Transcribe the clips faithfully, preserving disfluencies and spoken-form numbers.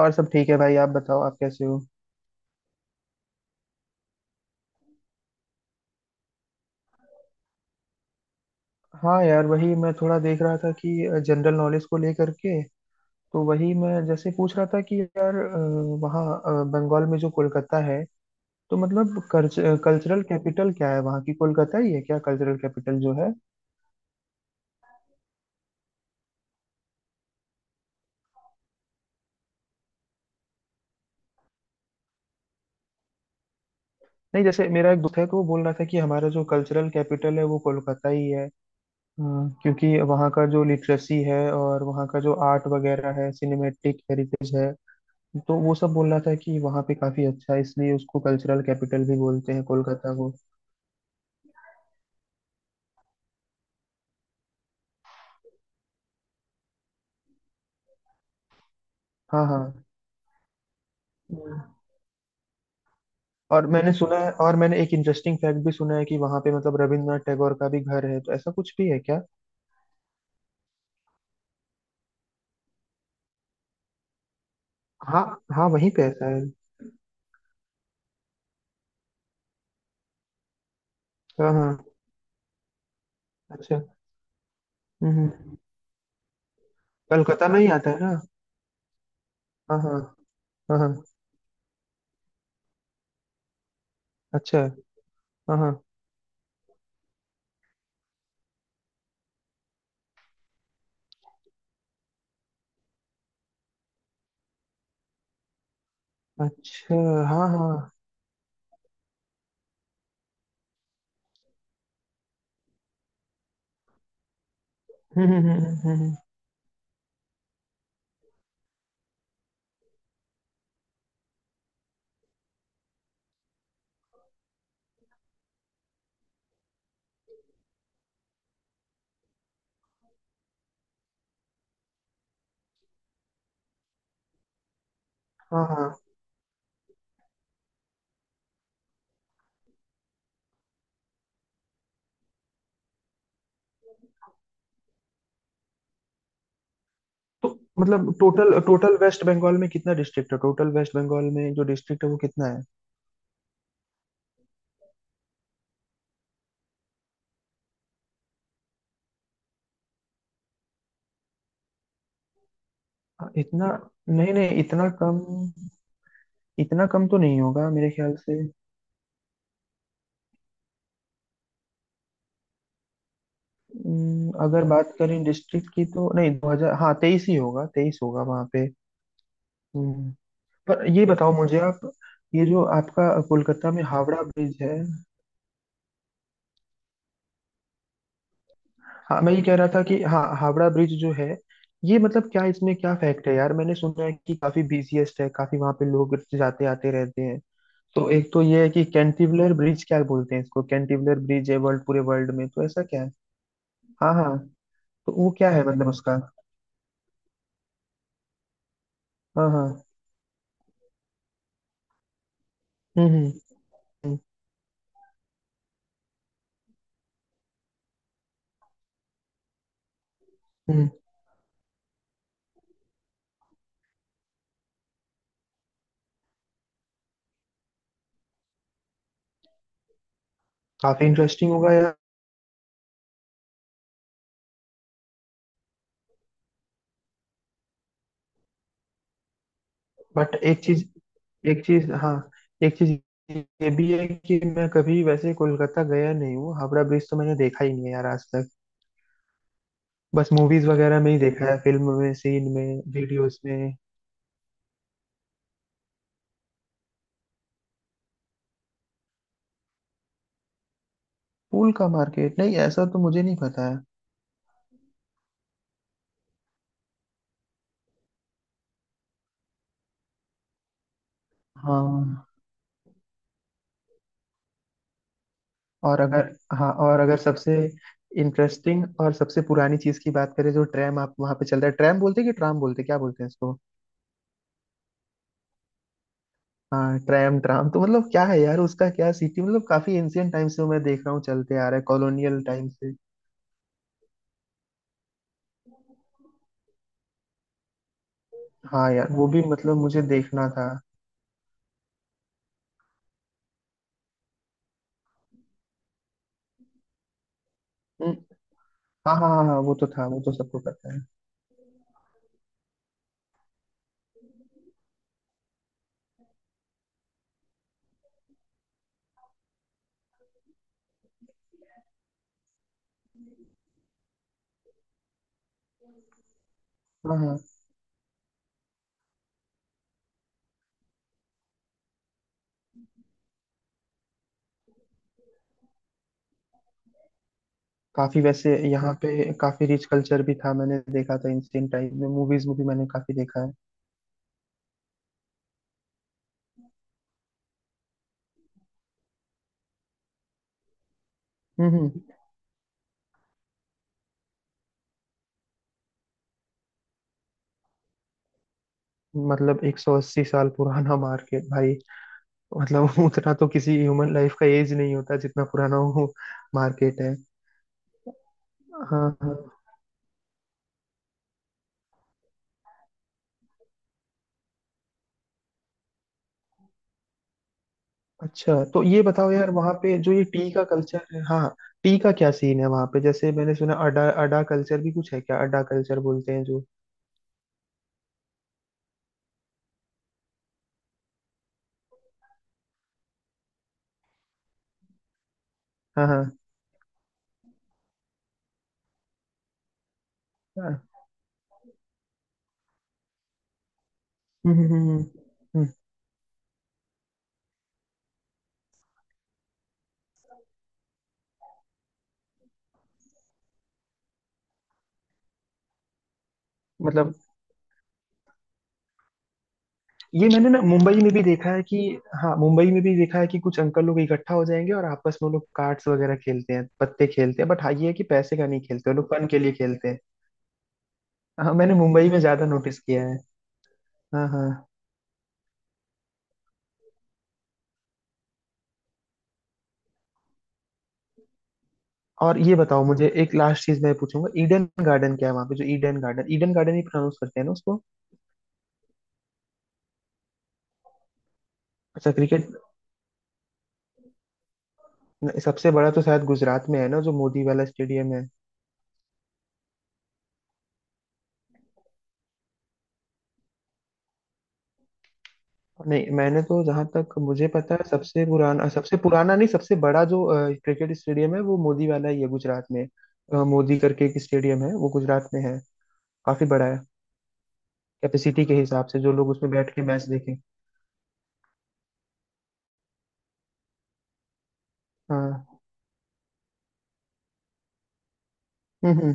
और सब ठीक है भाई, आप बताओ आप कैसे हो। हाँ यार, वही मैं थोड़ा देख रहा था कि जनरल नॉलेज को लेकर के तो वही मैं जैसे पूछ रहा था कि यार अ, वहाँ अ, बंगाल में जो कोलकाता है तो मतलब कल्चरल कैपिटल क्या है वहाँ की। कोलकाता ही है क्या कल्चरल कैपिटल जो है? नहीं, जैसे मेरा एक दोस्त है तो वो बोल रहा था कि हमारा जो कल्चरल कैपिटल है वो कोलकाता ही है। हाँ, क्योंकि वहाँ का जो लिटरेसी है और वहाँ का जो आर्ट वगैरह है, सिनेमेटिक हेरिटेज है, तो वो सब बोल रहा था कि वहाँ पे काफी अच्छा है, इसलिए उसको कल्चरल कैपिटल भी बोलते हैं कोलकाता को। हाँ हाँ। हम्म। और मैंने सुना है, और मैंने एक इंटरेस्टिंग फैक्ट भी सुना है कि वहाँ पे मतलब रविंद्रनाथ टैगोर का भी घर है, तो ऐसा कुछ भी है क्या? हाँ हाँ, वहीं पे है शायद। हाँ हाँ। अच्छा। हम्म हम्म। कलकत्ता में ही आता है ना? हाँ हाँ हाँ हाँ। अच्छा। हाँ हाँ। अच्छा। हाँ हाँ। हम्म हम्म हम्म हम्म हम्म, हम्म। हाँ हाँ। तो मतलब टोटल टोटल वेस्ट बंगाल में कितना डिस्ट्रिक्ट है? टोटल वेस्ट बंगाल में जो डिस्ट्रिक्ट है वो कितना है? हाँ, इतना? नहीं नहीं, इतना कम, इतना कम तो नहीं होगा मेरे ख्याल से। हम्म, अगर बात करें डिस्ट्रिक्ट की तो नहीं, दो हजार, हाँ तेईस ही होगा, तेईस होगा वहाँ पे। हम्म, पर ये बताओ मुझे आप, ये जो आपका कोलकाता में हावड़ा ब्रिज है, हाँ मैं ये कह रहा था कि हाँ, हावड़ा ब्रिज जो है, ये मतलब क्या इसमें क्या फैक्ट है यार? मैंने सुना है कि काफी बिजीएस्ट है, काफी वहाँ पे लोग जाते आते रहते हैं। तो एक तो ये है कि कैंटिवुलर ब्रिज क्या बोलते हैं इसको, कैंटिवुलर ब्रिज है वर्ल्ड, पूरे वर्ल्ड में, तो ऐसा क्या? हाँ हाँ। तो वो क्या है मतलब उसका? हाँ हाँ। हम्म हम्म हम्म हम्म। काफी इंटरेस्टिंग होगा यार। बट एक चीज, एक चीज, हाँ, एक चीज ये भी है कि मैं कभी वैसे कोलकाता गया नहीं हूँ, हावड़ा ब्रिज तो मैंने देखा ही नहीं है यार आज तक। बस मूवीज वगैरह में ही देखा है, फिल्म में, सीन में, वीडियोस में। फूल का मार्केट? नहीं, ऐसा तो मुझे नहीं पता है। हाँ और अगर, हाँ और अगर सबसे इंटरेस्टिंग और सबसे पुरानी चीज की बात करें, जो ट्रैम आप वहां पे चलता है, ट्रैम बोलते हैं कि ट्राम बोलते हैं, क्या बोलते हैं इसको? हाँ ट्रैम, ट्राम तो मतलब क्या है यार उसका? क्या सिटी, मतलब काफी एंशियंट टाइम से मैं देख रहा हूँ चलते आ रहा है, कॉलोनियल टाइम से। हाँ यार, वो भी मतलब मुझे देखना था। हम्म, हाँ हाँ हाँ हाँ, वो तो था, वो तो सबको पता है। हाँ हाँ। काफी वैसे यहाँ पे काफी रिच कल्चर भी था, मैंने देखा था एंशियंट टाइम में मूवीज में भी मैंने काफी देखा है। हम्म हम्म, मतलब एक सौ अस्सी साल पुराना मार्केट भाई! मतलब उतना तो किसी ह्यूमन लाइफ का एज नहीं होता जितना पुराना वो मार्केट है। हाँ हाँ। अच्छा तो ये बताओ यार, वहाँ पे जो ये टी का कल्चर है, हाँ, टी का क्या सीन है वहाँ पे? जैसे मैंने सुना अडा, अडा कल्चर भी कुछ है क्या? अडा कल्चर बोलते हैं जो। हाँ हाँ हाँ। हम्म हम्म हम्म हम्म। हम्म, मतलब ये मैंने ना मुंबई में भी देखा है कि, हाँ, मुंबई में भी देखा है कि कुछ अंकल लोग इकट्ठा हो जाएंगे और आपस में वो लोग कार्ड्स वगैरह खेलते हैं, पत्ते खेलते हैं। बट हाँ, ये है कि पैसे का नहीं खेलते, वो लोग फन के लिए खेलते हैं। हाँ, मैंने मुंबई में ज्यादा नोटिस किया है। हाँ हाँ। और ये बताओ मुझे, एक लास्ट चीज मैं पूछूंगा, ईडन गार्डन क्या है वहां पे जो? ईडन गार्डन, ईडन गार्डन ही प्रोनाउंस करते हैं ना उसको? अच्छा, क्रिकेट। सबसे बड़ा तो शायद गुजरात में है ना, जो मोदी वाला स्टेडियम है। नहीं, मैंने तो जहां तक मुझे पता है सबसे पुराना, सबसे पुराना नहीं, सबसे बड़ा जो क्रिकेट स्टेडियम है वो मोदी वाला ही है गुजरात में। अ, मोदी करके एक स्टेडियम है, वो गुजरात में है, काफी बड़ा है, कैपेसिटी के हिसाब से, जो लोग उसमें बैठ के मैच देखें। हाँ। हम्म हम्म।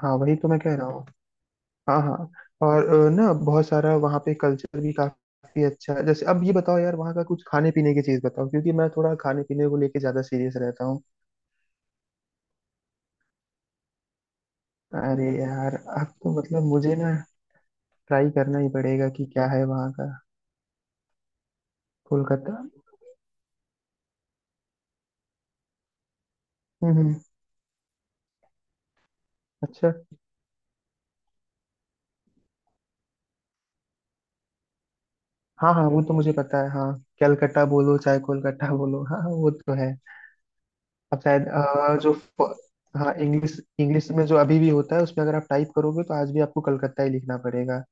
हाँ, वही तो मैं कह रहा हूँ। हाँ हाँ। और अ, ना, बहुत सारा वहाँ पे कल्चर भी काफी अच्छा है। जैसे अब ये बताओ यार, वहाँ का कुछ खाने पीने की चीज बताओ, क्योंकि मैं थोड़ा खाने पीने को लेके ज्यादा सीरियस रहता हूँ। अरे यार, अब तो मतलब मुझे ना ट्राई करना ही पड़ेगा कि क्या है वहाँ का। कोलकाता। हम्म हम्म। अच्छा। हाँ हाँ, वो तो मुझे पता है हाँ। कलकत्ता बोलो चाहे कोलकाता बोलो, हाँ हाँ, वो तो है। अब शायद अ, जो फ- हाँ इंग्लिश, इंग्लिश में जो अभी भी होता है उसमें अगर आप टाइप करोगे तो आज भी आपको कलकत्ता ही लिखना पड़ेगा,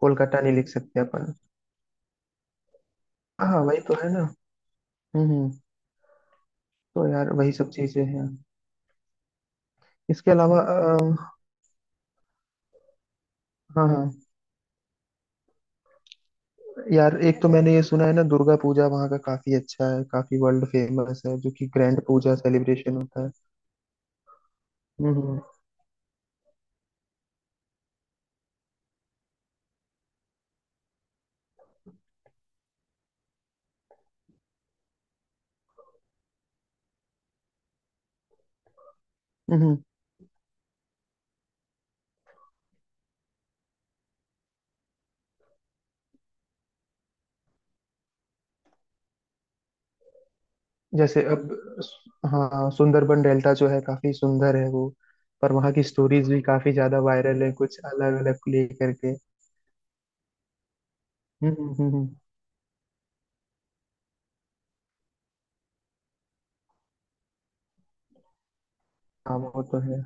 कोलकाता नहीं लिख सकते अपन। हाँ वही तो है ना। हम्म हम्म, तो यार वही सब चीजें हैं। इसके अलावा अ, हाँ हाँ। यार एक तो मैंने ये सुना है ना, दुर्गा पूजा वहाँ का काफी अच्छा है, काफी वर्ल्ड फेमस है, जो कि ग्रैंड पूजा सेलिब्रेशन होता है। हम्म हम्म हम्म, जैसे अब हाँ, सुंदरबन डेल्टा जो है काफी सुंदर है वो। पर वहाँ की स्टोरीज भी काफी ज्यादा वायरल है, कुछ अलग अलग लेकर के। हम्म हम्म हम्म, हाँ वो तो है।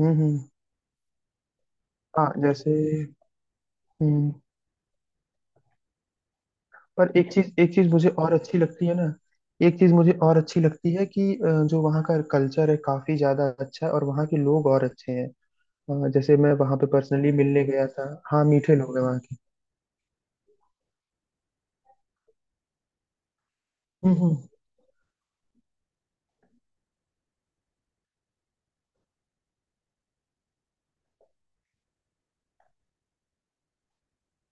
हम्म हम्म, हाँ जैसे, हम्म। पर एक चीज, एक चीज मुझे और अच्छी लगती है ना, एक चीज मुझे और अच्छी लगती है कि अ, जो वहाँ का कल्चर है काफी ज्यादा अच्छा है, और वहाँ के लोग और अच्छे हैं। अ, जैसे मैं वहाँ पे पर्सनली मिलने गया था। हाँ, मीठे लोग हैं वहाँ के। हम्म हम्म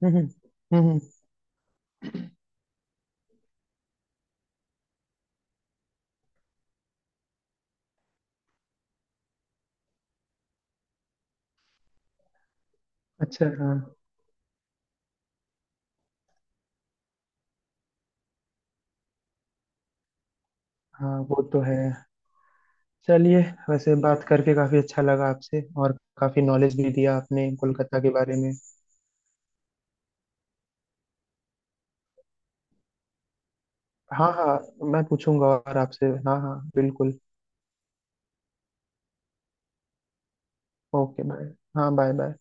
हम्म हम्म हम्म, हम्म। अच्छा, हाँ हाँ, वो तो है। चलिए, वैसे बात करके काफी अच्छा लगा आपसे, और काफी नॉलेज भी दिया आपने कोलकाता के बारे में। हाँ हाँ। मैं पूछूंगा और आपसे, हाँ हाँ बिल्कुल। Okay, bye. हाँ, बाय बाय।